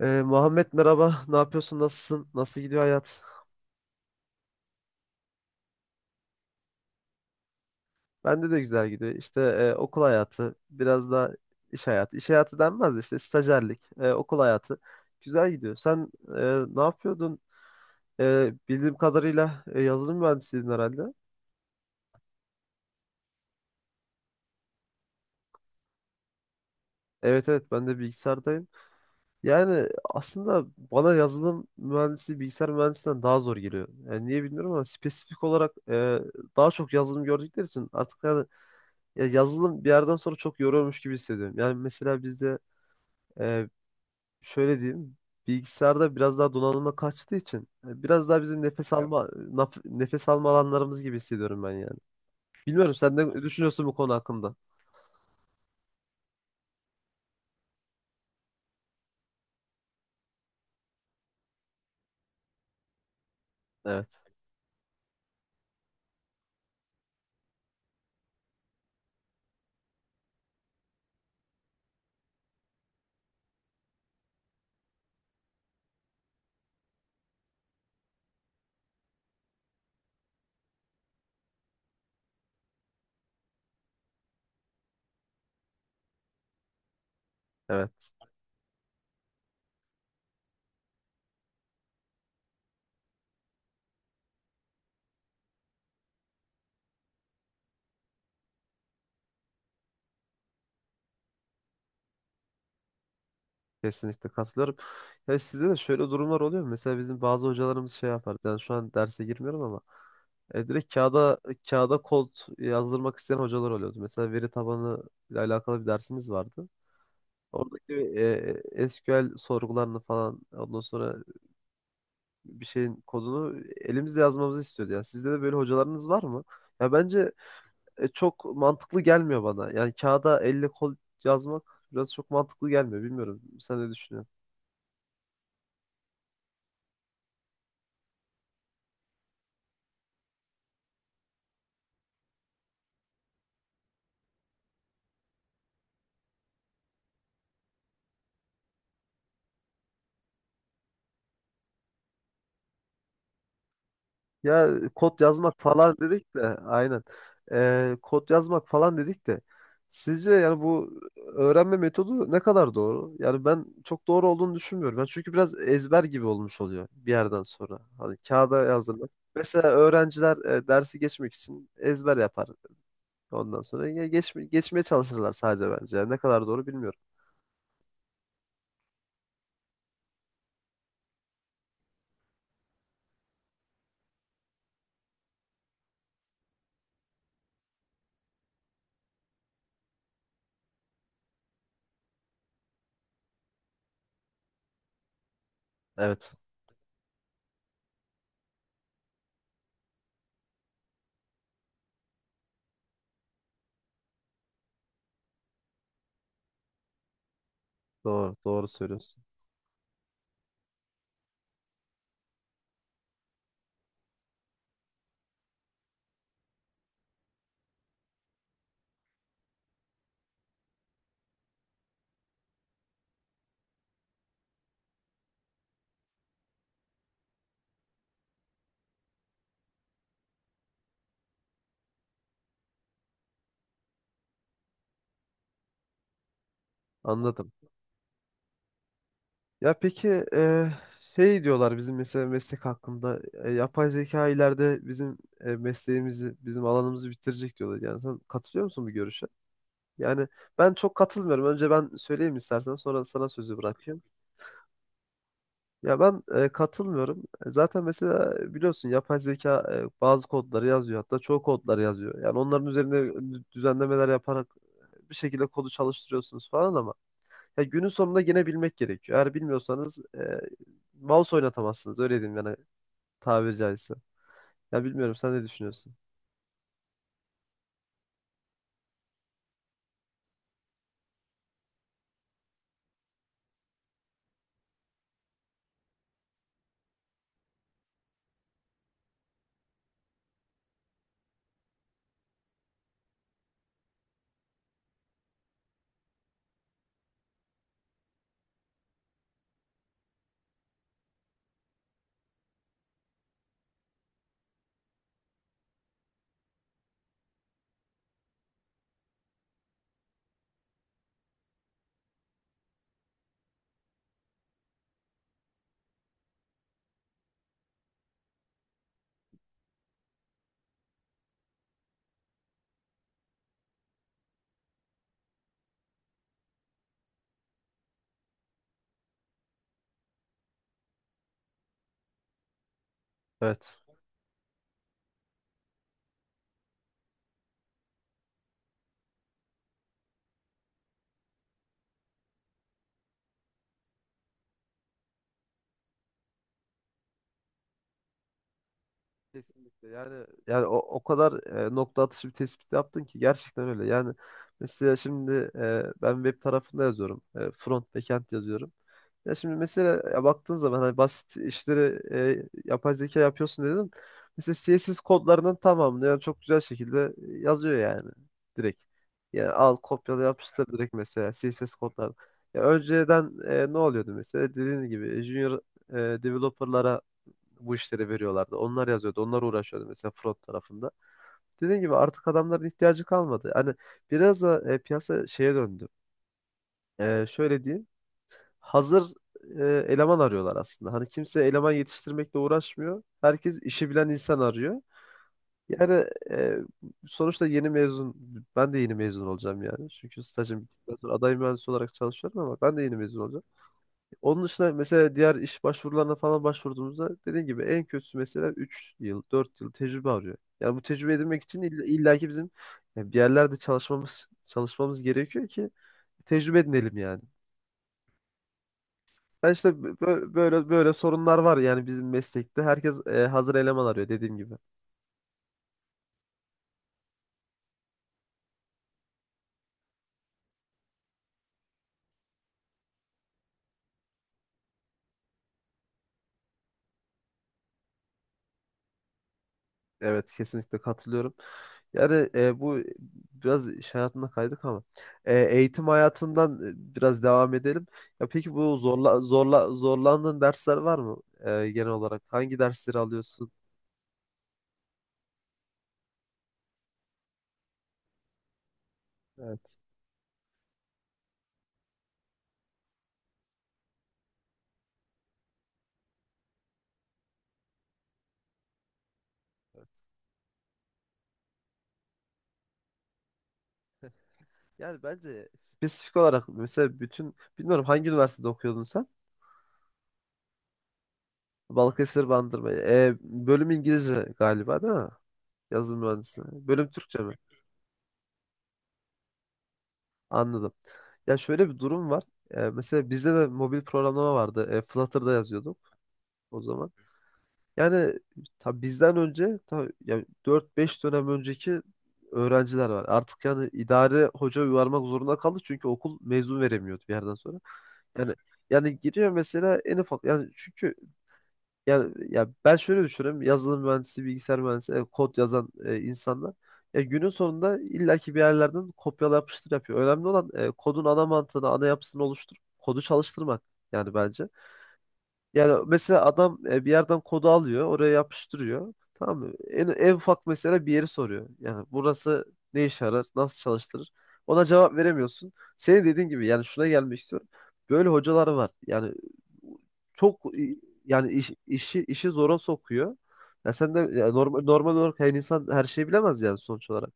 Muhammed merhaba, ne yapıyorsun, nasılsın, nasıl gidiyor hayat? Bende de güzel gidiyor. İşte okul hayatı, biraz da iş hayatı. İş hayatı denmez de işte stajyerlik, okul hayatı güzel gidiyor. Sen ne yapıyordun? Bildiğim kadarıyla yazılım mühendisiydin herhalde. Evet, evet, ben de bilgisayardayım. Yani aslında bana yazılım mühendisi bilgisayar mühendisinden daha zor geliyor. Yani niye bilmiyorum ama spesifik olarak daha çok yazılım gördükleri için artık yani ya yazılım bir yerden sonra çok yoruyormuş gibi hissediyorum. Yani mesela bizde e, şöyle diyeyim bilgisayarda biraz daha donanıma kaçtığı için biraz daha bizim nefes, evet, alma nefes alma alanlarımız gibi hissediyorum ben yani. Bilmiyorum sen ne düşünüyorsun bu konu hakkında? Evet, evet. Kesinlikle katılıyorum. Ya sizde de şöyle durumlar oluyor mu? Mesela bizim bazı hocalarımız şey yapar. Yani şu an derse girmiyorum ama direkt kağıda kod yazdırmak isteyen hocalar oluyordu. Mesela veri tabanı ile alakalı bir dersimiz vardı. Oradaki SQL sorgularını falan ondan sonra bir şeyin kodunu elimizle yazmamızı istiyordu. Yani sizde de böyle hocalarınız var mı? Ya bence çok mantıklı gelmiyor bana. Yani kağıda elle kol yazmak biraz çok mantıklı gelmiyor. Bilmiyorum. Sen ne düşünüyorsun? Ya kod yazmak falan dedik de aynen. Kod yazmak falan dedik de sizce yani bu öğrenme metodu ne kadar doğru? Yani ben çok doğru olduğunu düşünmüyorum. Ben çünkü biraz ezber gibi olmuş oluyor bir yerden sonra. Hani kağıda yazdırmak. Mesela öğrenciler dersi geçmek için ezber yapar. Ondan sonra ya geçmeye çalışırlar sadece bence. Yani ne kadar doğru bilmiyorum. Evet, doğru, doğru söylüyorsun. Anladım. Ya peki şey diyorlar bizim mesela meslek hakkında yapay zeka ileride bizim mesleğimizi, bizim alanımızı bitirecek diyorlar. Yani sen katılıyor musun bu görüşe? Yani ben çok katılmıyorum. Önce ben söyleyeyim istersen sonra sana sözü bırakayım. Ya ben katılmıyorum. Zaten mesela biliyorsun yapay zeka bazı kodları yazıyor hatta çoğu kodları yazıyor. Yani onların üzerine düzenlemeler yaparak bir şekilde kodu çalıştırıyorsunuz falan ama ya günün sonunda gene bilmek gerekiyor. Eğer bilmiyorsanız mouse oynatamazsınız. Öyle diyeyim yani tabiri caizse. Ya bilmiyorum sen ne düşünüyorsun? Evet. Kesinlikle. Yani o kadar nokta atışı bir tespit yaptın ki gerçekten öyle. Yani mesela şimdi ben web tarafında yazıyorum. Front backend yazıyorum. Ya şimdi mesela ya baktığın zaman hani basit işleri yapay zeka yapıyorsun dedin. Mesela CSS kodlarının tamamını yani çok güzel şekilde yazıyor yani direkt. Yani al kopyala yapıştır direkt mesela CSS kodları. Ya önceden ne oluyordu mesela dediğin gibi junior developerlara bu işleri veriyorlardı. Onlar yazıyordu, onlar uğraşıyordu mesela front tarafında. Dediğim gibi artık adamların ihtiyacı kalmadı. Hani biraz da piyasa şeye döndü. Şöyle diyeyim, hazır e, eleman arıyorlar aslında. Hani kimse eleman yetiştirmekle uğraşmıyor. Herkes işi bilen insan arıyor. Yani e, sonuçta yeni mezun, ben de yeni mezun olacağım yani. Çünkü stajım bittikten sonra aday mühendis olarak çalışıyorum ama ben de yeni mezun olacağım. Onun dışında mesela diğer iş başvurularına falan başvurduğumuzda dediğim gibi en kötüsü mesela 3 yıl, 4 yıl tecrübe arıyor. Yani bu tecrübe edinmek için illaki bizim yani bir yerlerde çalışmamız gerekiyor ki tecrübe edinelim yani. Ben işte böyle böyle sorunlar var yani bizim meslekte. Herkes hazır eleman arıyor dediğim gibi. Evet kesinlikle katılıyorum. Yani bu biraz iş hayatına kaydık ama eğitim hayatından biraz devam edelim. Ya peki bu zorlandığın dersler var mı genel olarak? Hangi dersleri alıyorsun? Evet, evet. Yani bence spesifik olarak mesela bütün bilmiyorum hangi üniversitede okuyordun sen? Balıkesir Bandırma. Bölüm İngilizce galiba değil mi? Yazılım mühendisi. Bölüm Türkçe mi? Anladım. Ya şöyle bir durum var. Mesela bizde de mobil programlama vardı. Flutter'da yazıyorduk o zaman. Yani tabii bizden önce tabii yani 4-5 dönem önceki öğrenciler var. Artık yani idare hoca yuvarmak zorunda kaldı çünkü okul mezun veremiyordu bir yerden sonra. Yani yani giriyor mesela en ufak yani çünkü yani ya ben şöyle düşünüyorum. Yazılım mühendisi, bilgisayar mühendisi, kod yazan insanlar ya günün sonunda illaki bir yerlerden kopyala yapıştır yapıyor. Önemli olan kodun ana mantığını, ana yapısını oluşturup kodu çalıştırmak yani bence. Yani mesela adam bir yerden kodu alıyor, oraya yapıştırıyor. Tamam mı? En ufak mesela bir yeri soruyor. Yani burası ne işe yarar, nasıl çalıştırır? Ona cevap veremiyorsun. Senin dediğin gibi yani şuna gelmek istiyorum. Böyle hocalar var. Yani çok yani işi zora sokuyor. Ya sen de ya normal normal olarak yani insan her şeyi bilemez yani sonuç olarak.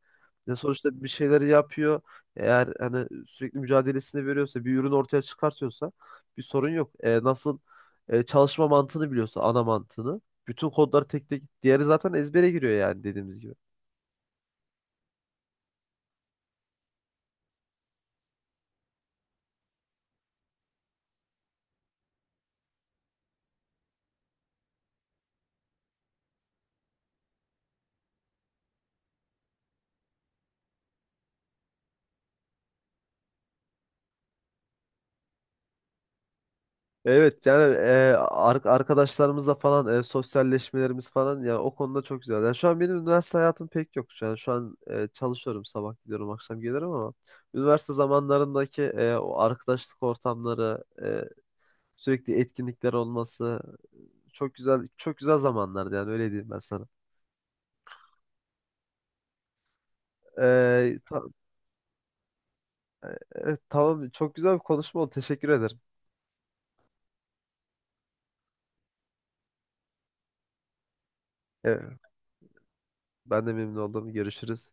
Ya sonuçta bir şeyleri yapıyor. Eğer hani sürekli mücadelesini veriyorsa, bir ürün ortaya çıkartıyorsa bir sorun yok. Nasıl çalışma mantığını biliyorsa ana mantığını. Bütün kodları tek tek diğeri zaten ezbere giriyor yani dediğimiz gibi. Evet, yani arkadaşlarımızla falan sosyalleşmelerimiz falan yani o konuda çok güzel. Yani şu an benim üniversite hayatım pek yok. Yani şu an çalışıyorum sabah gidiyorum akşam gelirim ama üniversite zamanlarındaki o arkadaşlık ortamları sürekli etkinlikler olması çok güzel çok güzel zamanlardı yani öyle diyeyim ben sana. E, ta- evet, tamam çok güzel bir konuşma oldu teşekkür ederim. Evet. Ben de memnun oldum. Görüşürüz.